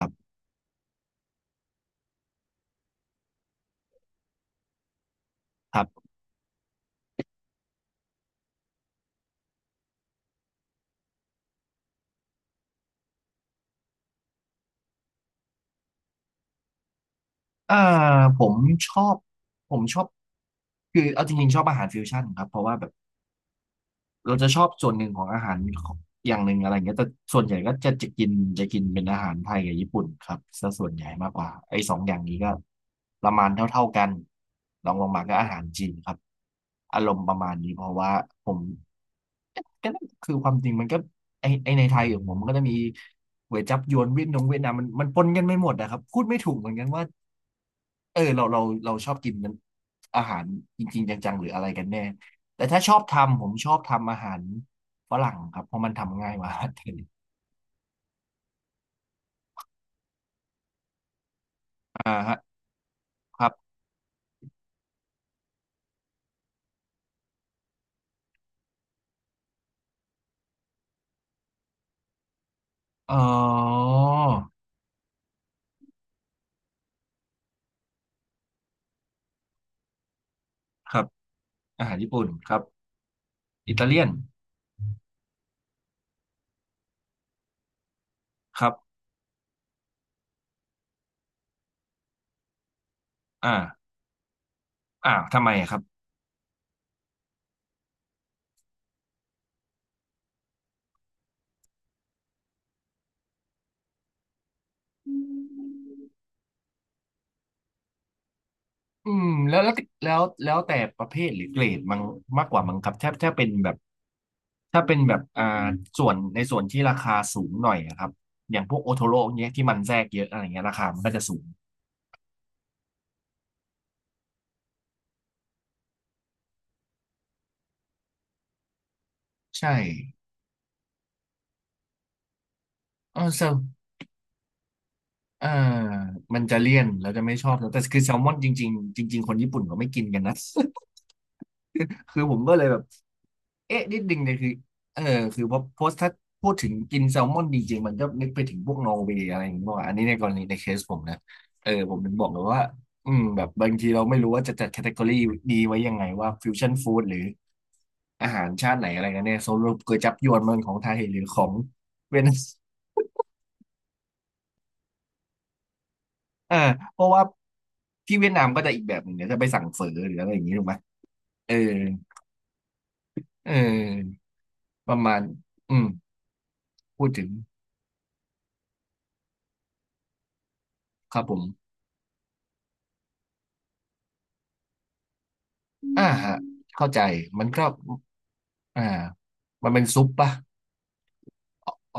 ครับเอ่อผมชอบผมชอบคือเอาจริงๆชอบอาหารฟิวชั่นครับเพราะว่าแบบเราจะชอบส่วนหนึ่งของอาหารของอย่างหนึ่งอะไรเงี้ยแต่ส่วนใหญ่ก็จะกินเป็นอาหารไทยกับญี่ปุ่นครับซะส่วนใหญ่มากกว่าไอ้สองอย่างนี้ก็ประมาณเท่าๆกันรองลงมาก็อาหารจีนครับอารมณ์ประมาณนี้เพราะว่าผม ก็นั่นคือความจริงมันก็ไอไอในไทยอย่างผมมันก็จะมีก๋วยจั๊บยวนเวียดนงเวียดนามมันปนกันไม่หมดนะครับพูดไม่ถูกเหมือนกันว่าเออเราชอบกินนั้นอาหารจริงๆจังๆหรืออะไรกันแน่แต่ถ้าชอบทำผมชอบทำอาหารฝรั่งครับเพราะมันทำง่ายกว่าอาหารไทยอ่าฮะครับอ๋อครับอาหารญี่ปุ่นครับอิตาเลียนครับอ่าอ่าทำไมอะครับ อืมแล้วแต่ประเภทหรือเกรดมังมากกว่ามั้งครับถ้าเป็นแบบถ้าเป็นแบบส่วนในส่วนที่ราคาสูงหน่อยอะครับอย่างพวกโอโทโร่เนี้ยที่มันแทรกเยอะอะไรเงี้ยราคามันก็จะสูงใช่เออเซลเออมันจะเลี่ยนแล้วจะไม่ชอบแล้วแต่คือแซลมอนจริงๆจริงๆคนญี่ปุ่นก็ไม่กินกันนะ คือผมก็เลยแบบเอ๊ะนิดนึงเนี่ยคือเออคือพอโพสต์ถ้าพูดถึงกินแซลมอนจริงๆมันก็นึกไปถึงพวกนอร์เวย์อะไรอย่างเงี้ยาอันนี้ในกรณีในเคสผมนะเออผมถึงบอกเลยว่าอืมแบบบางทีเราไม่รู้ว่าจะจัดแคตตากรีดีไว้ยังไงว่าฟิวชั่นฟู้ดหรืออาหารชาติไหนอะไรกันเนี่ยสรุปก๋วยจั๊บยวนมันของไทยหรือของเวียดนาม เออเพราะว่าที่เวียดนามก็จะอีกแบบหนึ่งเดี๋ยวจะไปสั่งเฝอหรืออะไรอย่างงี้ถูกไหมเออเออประมาณอืมพูดถึงครับผม อ่าฮะเข้าใจมันก็อ่ามันเป็นซุปปะอ๋อ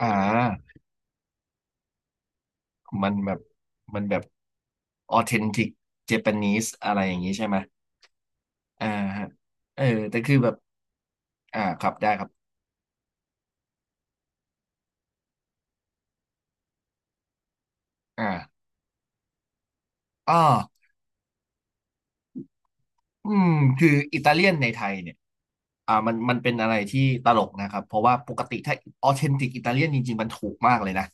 อ่ามันแบบมันแบบออเทนติกเจแปนิสอะไรอย่างนี้ใช่ไหมอ่าฮะเออแต่คือแบบอ่าครับได้ครับอ่าอ๋ออืมคืออิตาเลียนในไทยเนี่ยมันเป็นอะไรที่ตลกนะครับเพราะว่าปกติถ้าออเทนติกอิตาเลียนจริงๆมันถูกมากเลยนะ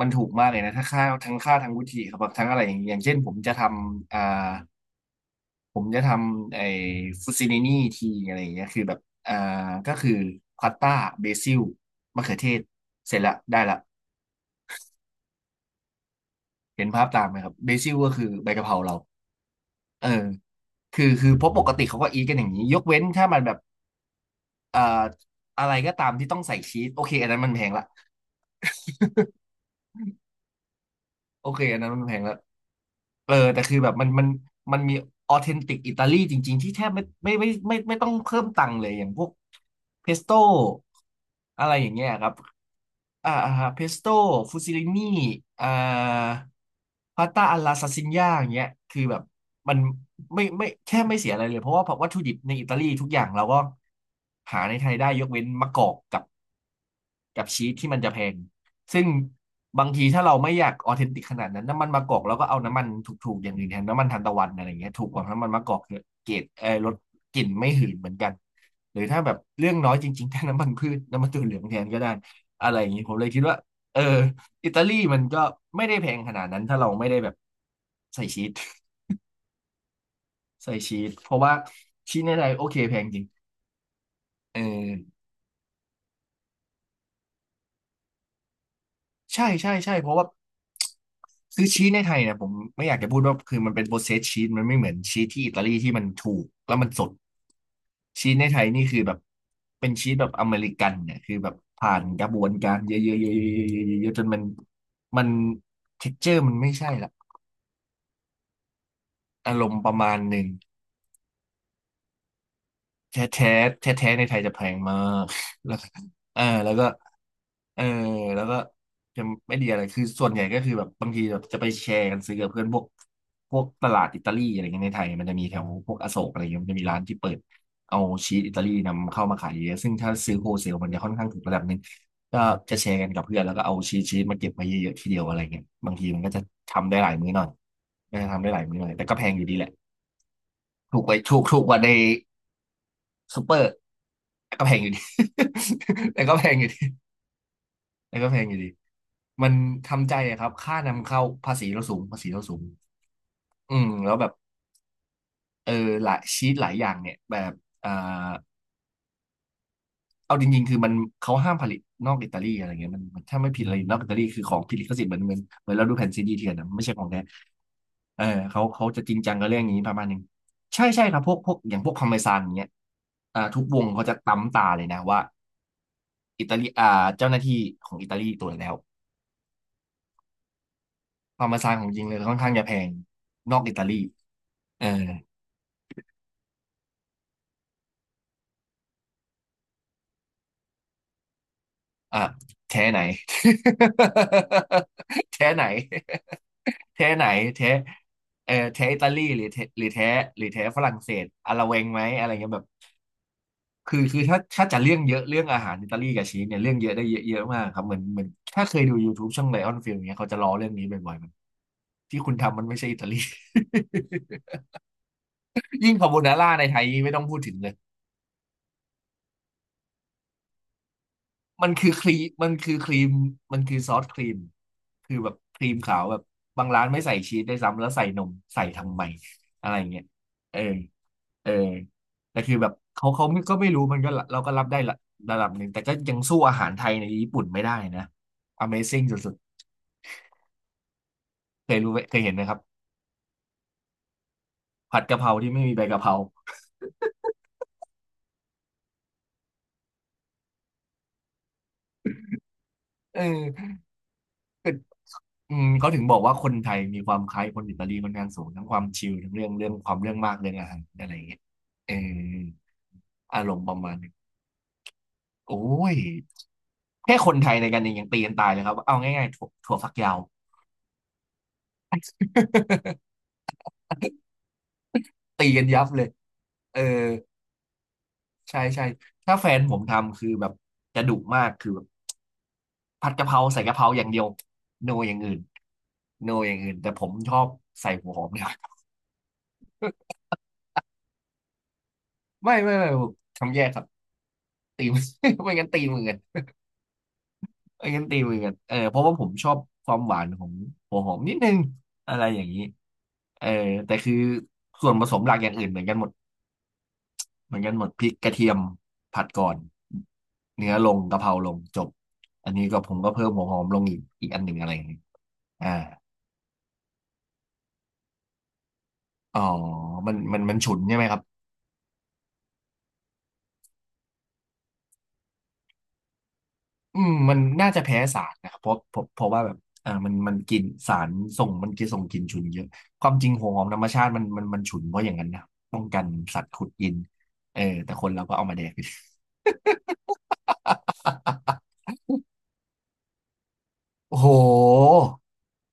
มันถูกมากเลยนะถ้าค่าทั้งวุฒิครับทั้งอะไรอย่างเงี้ยอย่างเช่นผมจะทำผมจะทำไอ้ฟูซินินี่ทีอะไรอย่างเงี้ยคือแบบอ่าก็คือพาสต้าเบซิลมะเขือเทศเสร็จละได้ละเห็นภาพตามไหมครับเบซิลก็คือใบกะเพราเราเออคือเพราะปกติเขาก็อีทกันอย่างนี้ยกเว้นถ้ามันแบบอ่าอะไรก็ตามที่ต้องใส่ชีสโอเคอันนั้นมันแพงละโอเคอันนั้นมันแพงละ เออแต่คือแบบมันมีออเทนติกอิตาลีจริงๆที่แทบไม่ต้องเพิ่มตังค์เลยอย่างพวกเพสโต้อะไรอย่างเงี้ยครับอ่าเพสโต้ฟูซิลินี่อ่าพาสต้าอัลลาซาซิญ่าอย่างเงี้ยคือแบบมันไม่ไม่แทบไม่เสียอะไรเลยเพราะว่าวัตถุดิบในอิตาลีทุกอย่างเราก็หาในไทยได้ยกเว้นมะกอกกับ กับชีสที่มันจะแพงซึ่งบางทีถ้าเราไม่อยากออเทนติกขนาดนั้นน้ำมันมะกอกเราก็เอาน้ำมันถูกๆอย่างอื่นแทนน้ำมันทานตะวันอะไรอย่างเงี้ยถูกกว่าน้ำมันมะกอกเยอะเกรดเออลดกลิ่นไม่หืนเหมือนกันหรือถ้าแบบเรื่องน้อยจริงๆถ้าน้ำมันพืชน้ำมันถั่วเหลืองแทนก็ได้อะไรอย่างนี้ผมเลยคิดว่าเอออิตาลีมันก็ไม่ได้แพงขนาดนั้นถ้าเราไม่ได้แบบใส่ชีส ใส่ชีสเพราะว่าชีสในไทยโอเคแพงจริงเออใช่เพราะว่า คือชีสในไทยเนี่ยผมไม่อยากจะพูดว่าคือมันเป็นโปรเซสชีสมันไม่เหมือนชีสที่อิตาลีที่มันถูกแล้วมันสดชีสในไทยนี่คือแบบเป็นชีสแบบอเมริกันเนี่ยคือแบบผ่านกระบวนการเยอะๆๆๆๆๆๆจนมันเท็กเจอร์มันไม่ใช่ละอารมณ์ประมาณหนึ่ง แท้แท้แท้ๆในไทยจะแพงมาก แล้ว็เออแล้วก็เออแล้วก็จะไม่ดีอะไรคือส่วนใหญ่ก็คือแบบบางทีแบบจะไปแชร์กันซื้อกับเพื่อนพวกตลาดอิตาลีอะไรเงี้ยในไทยมันจะมีแถวพวกอโศกอะไรเงี้ยมันจะมีร้านที่เปิดเอาชีสอิตาลีนำเข้ามาขายเยอะซึ่งถ้าซื้อโฮเซลมันจะค่อนข้างถูกระดับหนึ่งก็จะแชร์กันกับเพื่อนแล้วก็เอาชีสมาเก็บไว้เยอะๆทีเดียวอะไรเงี้ยบางทีมันก็จะทำได้หลายมื้อหน่อยก็จะทำได้หลายมื้อหน่อยแต่ก็แพงอยู่ดีแหละถูกไปถูกกว่าใน ซูเปอร์ก็แพงอยู่ดี แต่ก็แพงอยู่ดีแต่ก็แพงอยู่ดี มันทำใจอะครับค่านำเข้าภาษีเราสูงอืมแล้วแบบเออหลายชีสหลายอย่างเนี่ยแบบอ่าเอาจริงๆคือมันเขาห้ามผลิตนอกอิตาลีอะไรเงี้ยมันถ้าไม่ผิดอะไรนอกอิตาลีคือของผิดลิขสิทธิ์เหมือนเราดูแผ่นซีดีเถื่อนนะไม่ใช่ของแท้เออเขาจะจริงจังกับเรื่องนี้ประมาณหนึง ใช่ใช่ครับพวกอย่างพวกคอมเมซานอย่างเงี้ยอ่าทุกวงเขาจะตั้มตาเลยนะว่า อิตาลีอ่าเจ้าหน้าที่ของอิตาลีตัวจแล้วคาร์มาซานของจริงเลยค่อนข้างจะแพงนอกอิตาลีเอออ่ะแท้ไหน แท้ไหนแท้ไหนแท้เออแท้อิตาลีหรือแท้หรือแท้หรือแท้ฝรั่งเศสอะละเวงไหมอะไรเงี้ยแบบคือถ้าจะเรื่องเยอะ เรื่องอาหารอิตาลีกับชีสเนี่ยเรื่องเยอะได้เยอะเยอะมากครับเหมือนถ้าเคยดู YouTube ช่องไลออนฟิลเนี้ยเขาจะล้อเรื่องนี้บ่อยๆมันที่คุณทำมันไม่ใช่อิตาลี ยิ่งคาโบนาร่าในไทยไม่ต้องพูดถึงเลย มันคือครีมมันคือซอสครีม คือแบบครีมขาวแบบบางร้านไม่ใส่ชีสได้วยซ้ำแล้วใส่นมใส่ทำไมอะไรอย่างเงี้ยเออเออแต่คือแบบเขาไม่ก็ไม่รู้มันก็ละเราก็รับได้ละระดับหนึ่งแต่ก็ยังสู้อาหารไทยในญี่ปุ่นไม่ได้นะ Amazing สุดๆเคยรู้ไหมเคยเห็นไหมครับผัดกะเพราที่ไม่มีใบกะเพราเออแต่อืมเขาถึงบอกว่าคนไทยมีความคล้ายคนอิตาลีค่อนข้างสูงทั้งความชิลทั้งเรื่องความเรื่องมากเรื่องอาหารอะไรอย่างเงี้ยเออ อารมณ์ประมาณนึงโอ้ยแค่คนไทยในกันเองยังตีกันตายเลยครับเอาง่ายๆถั่วฝักยาว ตีกันยับเลยเออใช่ใช่ถ้าแฟนผมทำคือแบบจะดุมากคือแบบผัดกะเพราใส่กะเพราอย่างเดียวโนอย่างอื่นโนอย่างอื่นแต่ผมชอบใส่หัวหอมเนี่ย ไม่ผมทำแยกครับตีม ไม่งั้นตีมือกัน เอ้ยงั้นตีมือกันเออเพราะว่าผมชอบความหวานของหัวหอมนิดนึงอะไรอย่างนี้เออแต่คือส่วนผสมหลักอย่างอื่นเหมือนกันหมดเหมือนกันหมดพริกกระเทียมผัดก่อนเนื้อลงกะเพราลงจบอันนี้ก็ผมก็เพิ่มหัวหอมลงอีกอันหนึ่งอะไรอย่างนี้อ่าอ๋อมันฉุนใช่ไหมครับ อืมมันน่าจะแพ้สารนะครับเพราะว่าแบบอ่ามันกินสารส่งมันกินส่งกลิ่นฉุนเยอะความจริงหัวหอมธรรมชาติมันฉุนเพราะอย่างนั้นนะป้องกันสัตว์ขุดกินเออแต่คนเราก็เอามาแดก โอ้โห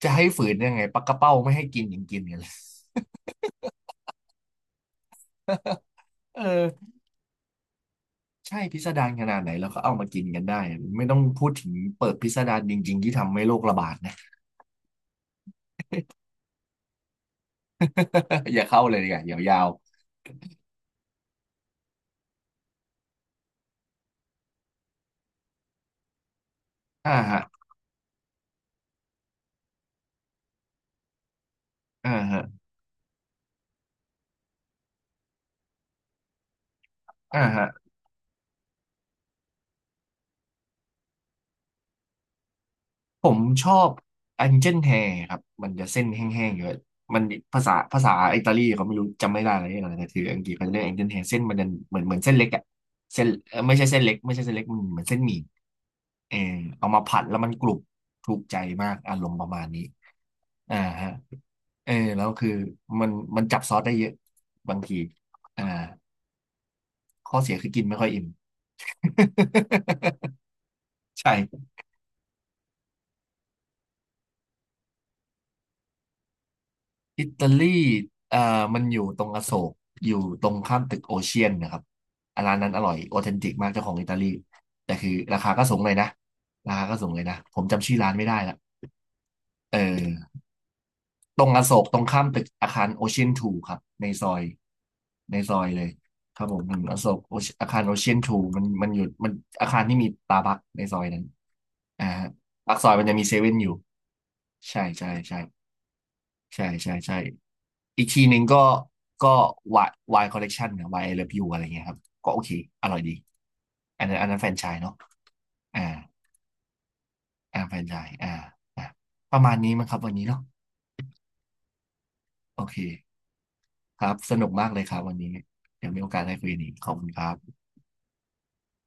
จะให้ฝืนยังไงปลากระเป้าไม่ให้กินยังกินกันเลย เออใช่พิสดารขนาดไหนแล้วก็เอามากินกันได้ไม่ต้องพูดถึงเปิดพิสดารจริงๆที่ทำให้โรคระบาดนะ อย่าเข้าเลยดีกว่าเดี๋ยวยาวอ่าฮะอ่าฮะอ่าฮะ ผมชอบ Angel Hair ครับ มันจะเส้นแห้งๆอยู่อะมันภาษาอิตาลีเขาไม่รู้จำไม่ได้อะไรอย่างเรียแต่คืออังกฤษเขาจะเรียก Angel Hair เส้นมันจะเหมือนเส้นเล็กอะเส้นไม่ใช่เส้นเล็กไม่ใช่เส้นเล็กมันเหมือนเส้นหมี่เออเอามาผัดแล้วมันกรุบถูกใจมากอารมณ์ประมาณนี้อ่าฮะเออแล้วคือมันมันจับซอสได้เยอะบางทีอ่าข้อเสียคือกินไม่ค่อยอิ่ม ใช่ อิตาลีเอ่อมันอยู่ตรงอโศกอยู่ตรงข้ามตึกโอเชียนนะครับอ่ะร้านนั้นอร่อยออเทนติกมากเจ้าของอิตาลีแต่คือราคาก็สูงเลยนะราคาก็สูงเลยนะผมจำชื่อร้านไม่ได้ละเออตรงอโศกตรงข้ามตึกอาคารโอเชียนทูครับในซอยในซอยเลยครับผมอืมอโศกออาคารโอเชียนทูมันอยู่มันอาคารที่มีตาบักในซอยนั้นอ่าฮะปากซอยมันจะมีเซเว่นอยู่ใช่ใช่ใช่ ใช่ใช่ใช่อีกทีหนึ่งก็ก็วายวายคอลเลกชันนะวายไอเลิฟยูอะไรเงี้ยครับก็โอเคอร่อยดีอันนั้นอันนั้นแฟรนไชส์เนาะอ่าอ่าแฟรนไชส์อ่าอ่าประมาณนี้มั้งครับวันนี้เนาะโอเคครับสนุกมากเลยครับวันนี้เดี๋ยวมีโอกาสได้คุยกันอีกขอบคุณครับ